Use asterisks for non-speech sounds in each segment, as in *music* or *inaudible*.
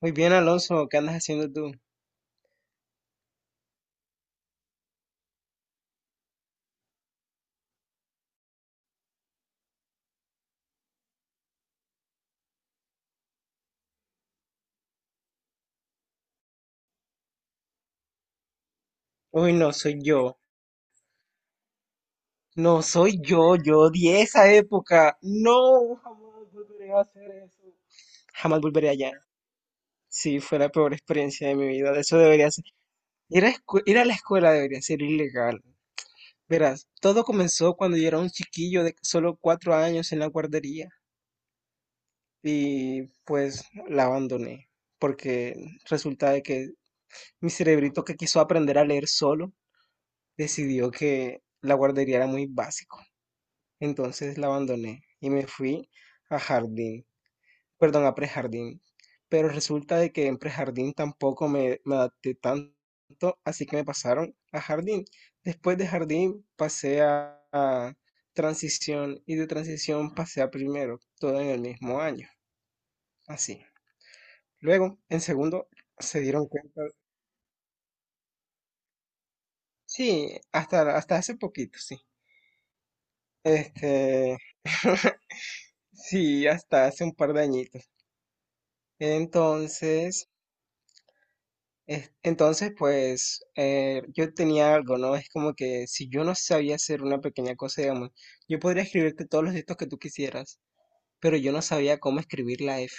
Muy bien, Alonso, ¿qué andas haciendo tú? Uy, no, soy yo. No, soy yo. Yo odié esa época. No, jamás volveré a hacer eso. Jamás volveré allá. Sí, fue la peor experiencia de mi vida. Eso debería ser. Ir a la escuela debería ser ilegal. Verás, todo comenzó cuando yo era un chiquillo de solo cuatro años en la guardería. Y pues la abandoné. Porque resulta de que mi cerebrito que quiso aprender a leer solo decidió que la guardería era muy básico. Entonces la abandoné y me fui a jardín, perdón, a prejardín. Pero resulta de que en prejardín tampoco me adapté tanto, así que me pasaron a jardín. Después de jardín pasé a transición y de transición pasé a primero, todo en el mismo año, así. Luego, en segundo, se dieron cuenta, sí, hasta hace poquito, sí. Este, *laughs* sí, hasta hace un par de añitos. Entonces, Entonces, pues yo tenía algo, ¿no? Es como que si yo no sabía hacer una pequeña cosa, digamos, yo podría escribirte todos los textos que tú quisieras, pero yo no sabía cómo escribir la F.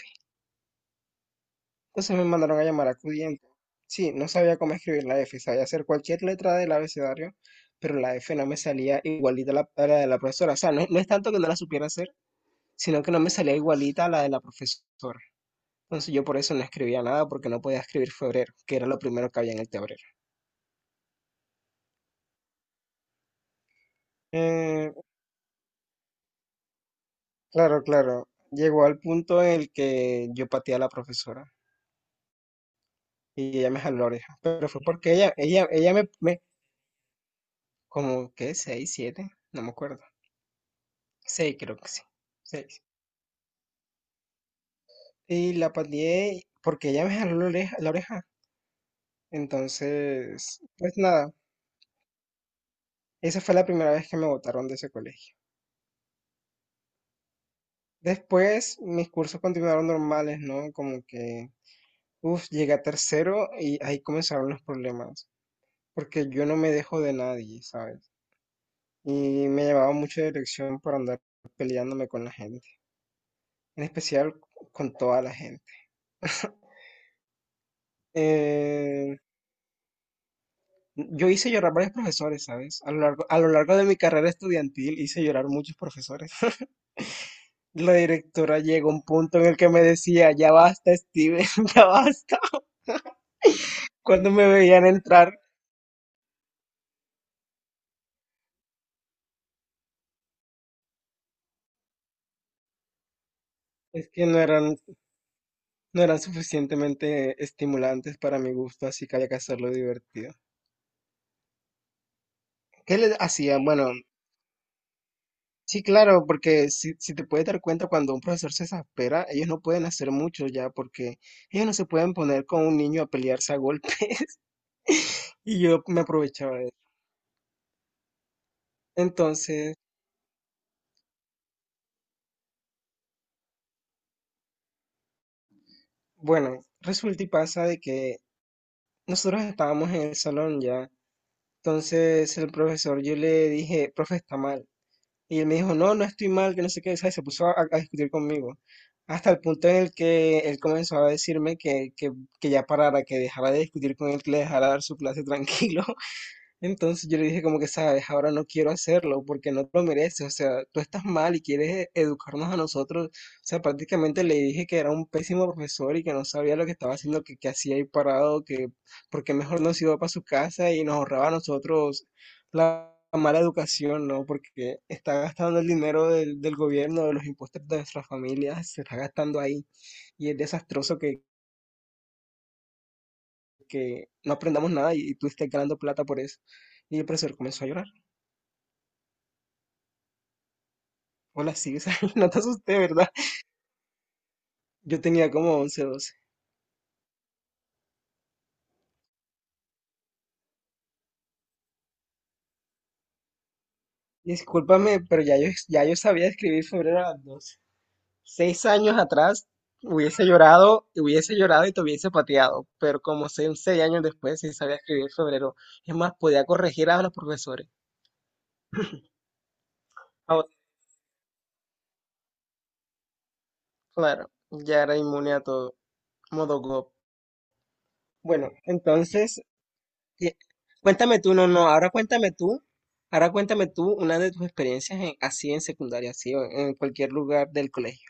Entonces me mandaron a llamar a Cudiente. Sí, no sabía cómo escribir la F, sabía hacer cualquier letra del abecedario, pero la F no me salía igualita a la de la profesora. O sea, no es tanto que no la supiera hacer, sino que no me salía igualita a la de la profesora. Entonces yo por eso no escribía nada, porque no podía escribir febrero, que era lo primero que había en el tablero. Eh, Claro, claro. Llegó al punto en el que yo pateé a la profesora y ella me jaló la oreja. Pero fue porque ella me, como, ¿qué? ¿Seis, siete? No me acuerdo. Seis, creo que sí. Seis. Y la pateé porque ella me jaló la oreja, la oreja. Entonces, pues nada, esa fue la primera vez que me botaron de ese colegio. Después, mis cursos continuaron normales, ¿no? Como que, uff, llegué a tercero y ahí comenzaron los problemas. Porque yo no me dejo de nadie, ¿sabes? Y me llamaba mucho la dirección para andar peleándome con la gente, en especial con toda la gente. *laughs* Eh, yo hice llorar varios profesores, ¿sabes? A lo largo de mi carrera estudiantil hice llorar muchos profesores. *laughs* La directora llegó a un punto en el que me decía, ya basta, Steven, *laughs* ya basta. Cuando me veían entrar, es que no eran, no eran suficientemente estimulantes para mi gusto, así que había que hacerlo divertido. ¿Qué les hacía? Bueno, sí, claro, porque si te puedes dar cuenta, cuando un profesor se exaspera, ellos no pueden hacer mucho ya, porque ellos no se pueden poner con un niño a pelearse a golpe. *laughs* Y yo me aprovechaba de eso. Entonces, bueno, resulta y pasa de que nosotros estábamos en el salón ya. Entonces el profesor, yo le dije, profe, está mal. Y él me dijo, no, no estoy mal, que no sé qué, ¿sabes? Se puso a discutir conmigo. Hasta el punto en el que él comenzó a decirme que ya parara, que dejara de discutir con él, que le dejara dar su clase *laughs* tranquilo. Entonces yo le dije como que, sabes, ahora no quiero hacerlo porque no te lo mereces, o sea, tú estás mal y quieres educarnos a nosotros. O sea, prácticamente le dije que era un pésimo profesor y que no sabía lo que estaba haciendo, que hacía ahí parado, que porque mejor no se iba para su casa y nos ahorraba a nosotros la mala educación, ¿no? Porque está gastando el dinero del gobierno, de los impuestos de nuestras familias, se está gastando ahí y es desastroso que no aprendamos nada y, y tú estés ganando plata por eso. Y el profesor comenzó a llorar. Hola, sí, o sea, *laughs* no te asusté, ¿verdad? Yo tenía como once, doce. Discúlpame, pero ya yo sabía escribir febrero a las 12. Seis años atrás hubiese llorado y te hubiese pateado, pero como seis años después sí sabía escribir febrero. Es más, podía corregir a los profesores. Ahora, claro, ya era inmune a todo, modo go. Bueno, entonces, y- cuéntame tú, no, no, ahora cuéntame tú. Ahora cuéntame tú una de tus experiencias así en secundaria, así o en cualquier lugar del colegio.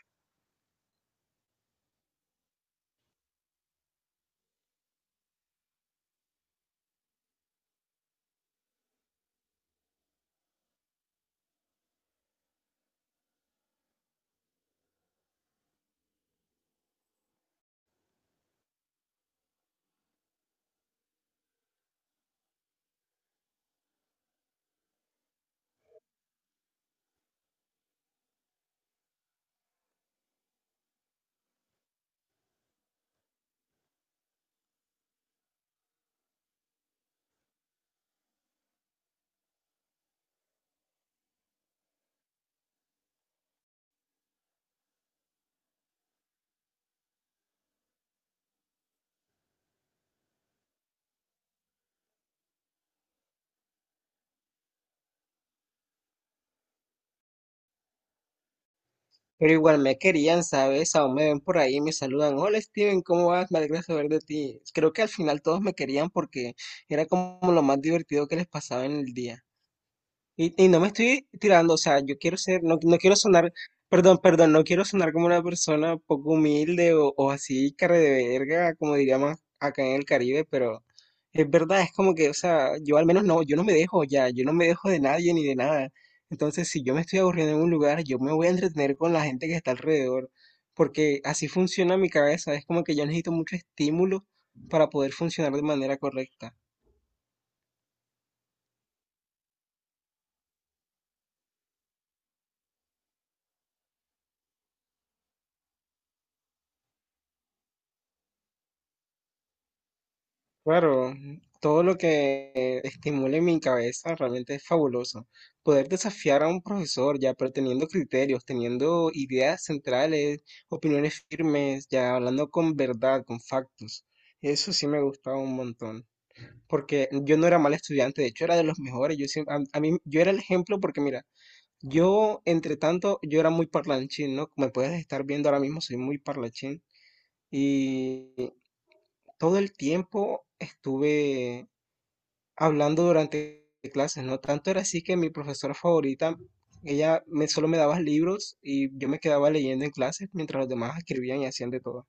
Pero igual me querían, ¿sabes? Aún me ven por ahí y me saludan. Hola Steven, ¿cómo vas? Me alegra saber de ti. Creo que al final todos me querían porque era como lo más divertido que les pasaba en el día. Y no me estoy tirando, o sea, yo quiero ser, no, no quiero sonar, perdón, perdón, no quiero sonar como una persona poco humilde o así, cara de verga, como diríamos acá en el Caribe, pero es verdad, es como que, o sea, yo al menos no, yo no me dejo de nadie ni de nada. Entonces, si yo me estoy aburriendo en un lugar, yo me voy a entretener con la gente que está alrededor, porque así funciona mi cabeza, es como que yo necesito mucho estímulo para poder funcionar de manera correcta. Claro, todo lo que estimule mi cabeza realmente es fabuloso. Poder desafiar a un profesor ya, pero teniendo criterios, teniendo ideas centrales, opiniones firmes, ya hablando con verdad, con factos. Eso sí me gustaba un montón, porque yo no era mal estudiante, de hecho era de los mejores. Yo siempre, a mí, yo era el ejemplo porque mira, yo entre tanto, yo era muy parlanchín, ¿no? Como puedes estar viendo ahora mismo, soy muy parlanchín. Y todo el tiempo estuve hablando durante clases, ¿no? Tanto era así que mi profesora favorita, solo me daba libros y yo me quedaba leyendo en clases mientras los demás escribían y hacían de todo.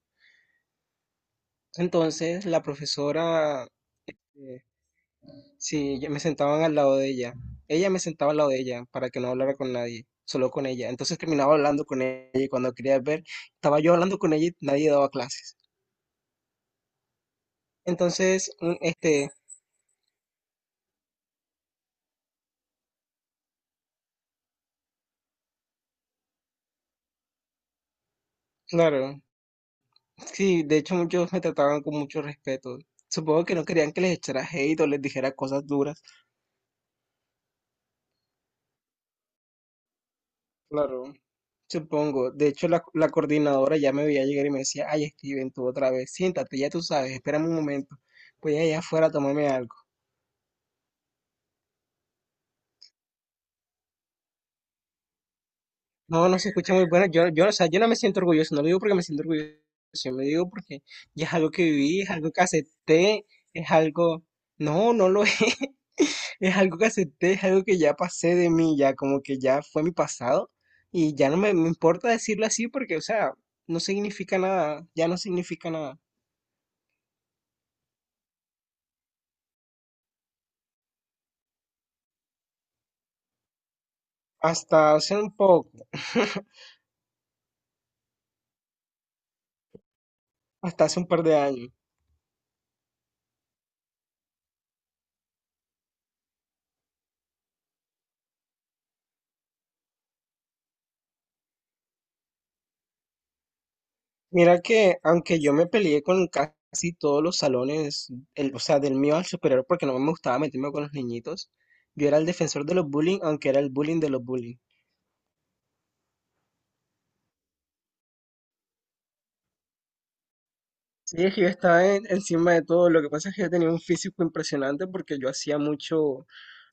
Entonces, la profesora, eh, sí, yo me sentaban al lado de ella. Ella me sentaba al lado de ella para que no hablara con nadie, solo con ella. Entonces terminaba hablando con ella y cuando quería ver, estaba yo hablando con ella y nadie daba clases. Entonces, un- este, claro, sí, de hecho muchos me trataban con mucho respeto. Supongo que no querían que les echara hate o les dijera cosas duras. Claro. Supongo. De hecho, la coordinadora ya me veía llegar y me decía, ay, Steven, tú otra vez, siéntate, ya tú sabes, espérame un momento. Voy allá afuera a tomarme algo. No, no se escucha muy bueno. Yo, o sea, yo no me siento orgulloso, no lo digo porque me siento orgulloso, yo me digo porque ya es algo que viví, es algo que acepté, es algo... No, no lo *laughs* es. Es algo que acepté, es algo que ya pasé de mí, ya como que ya fue mi pasado y ya no me importa decirlo así porque, o sea, no significa nada, ya no significa nada. Hasta hace un poco, *laughs* hasta hace un par de años. Mira que aunque yo me peleé con casi todos los salones, el, o sea, del mío al superior porque no me gustaba meterme con los niñitos, yo era el defensor de los bullying, aunque era el bullying de los bullying. Sí, es que yo encima de todo. Lo que pasa es que yo tenía un físico impresionante porque yo hacía mucho,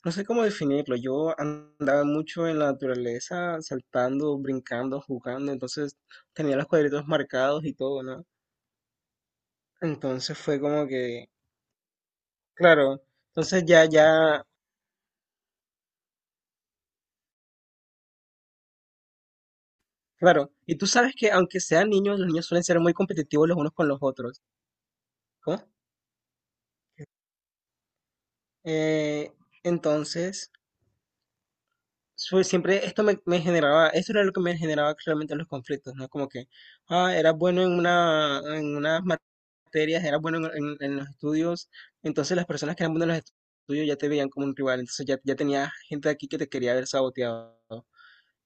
no sé cómo definirlo, yo andaba mucho en la naturaleza, saltando, brincando, jugando, entonces tenía los cuadritos marcados y todo, ¿no? Entonces fue como que, claro, entonces ya, claro. Y tú sabes que aunque sean niños, los niños suelen ser muy competitivos los unos con los otros. ¿Cómo? Eh, entonces, Fue siempre esto me generaba, eso era lo que me generaba realmente los conflictos, ¿no? Como que, ah, era bueno en unas materias, era bueno en los estudios, entonces las personas que eran buenas en los estudios ya te veían como un rival, entonces ya tenía gente aquí que te quería haber saboteado.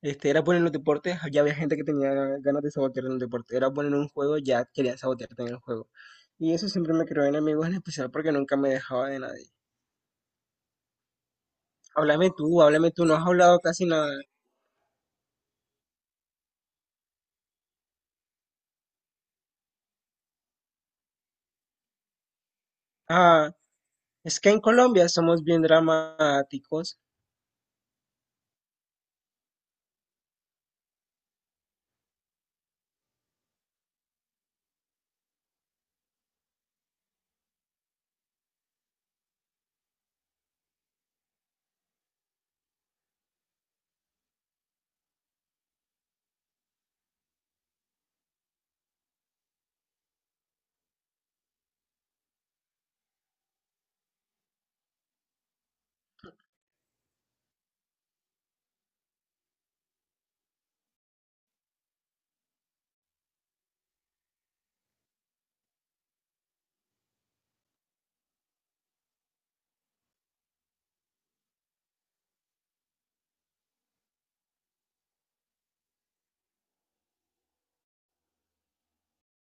Era bueno en los deportes, ya había gente que tenía ganas de sabotear en el deporte, era bueno en un juego, ya quería sabotearte en el juego. Y eso siempre me creó enemigos, en especial porque nunca me dejaba de nadie. Háblame tú, no has hablado casi nada. Ah. Es que en Colombia somos bien dramáticos.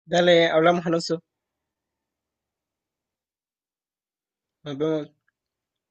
Dale, hablamos, Alonso. Nos vemos.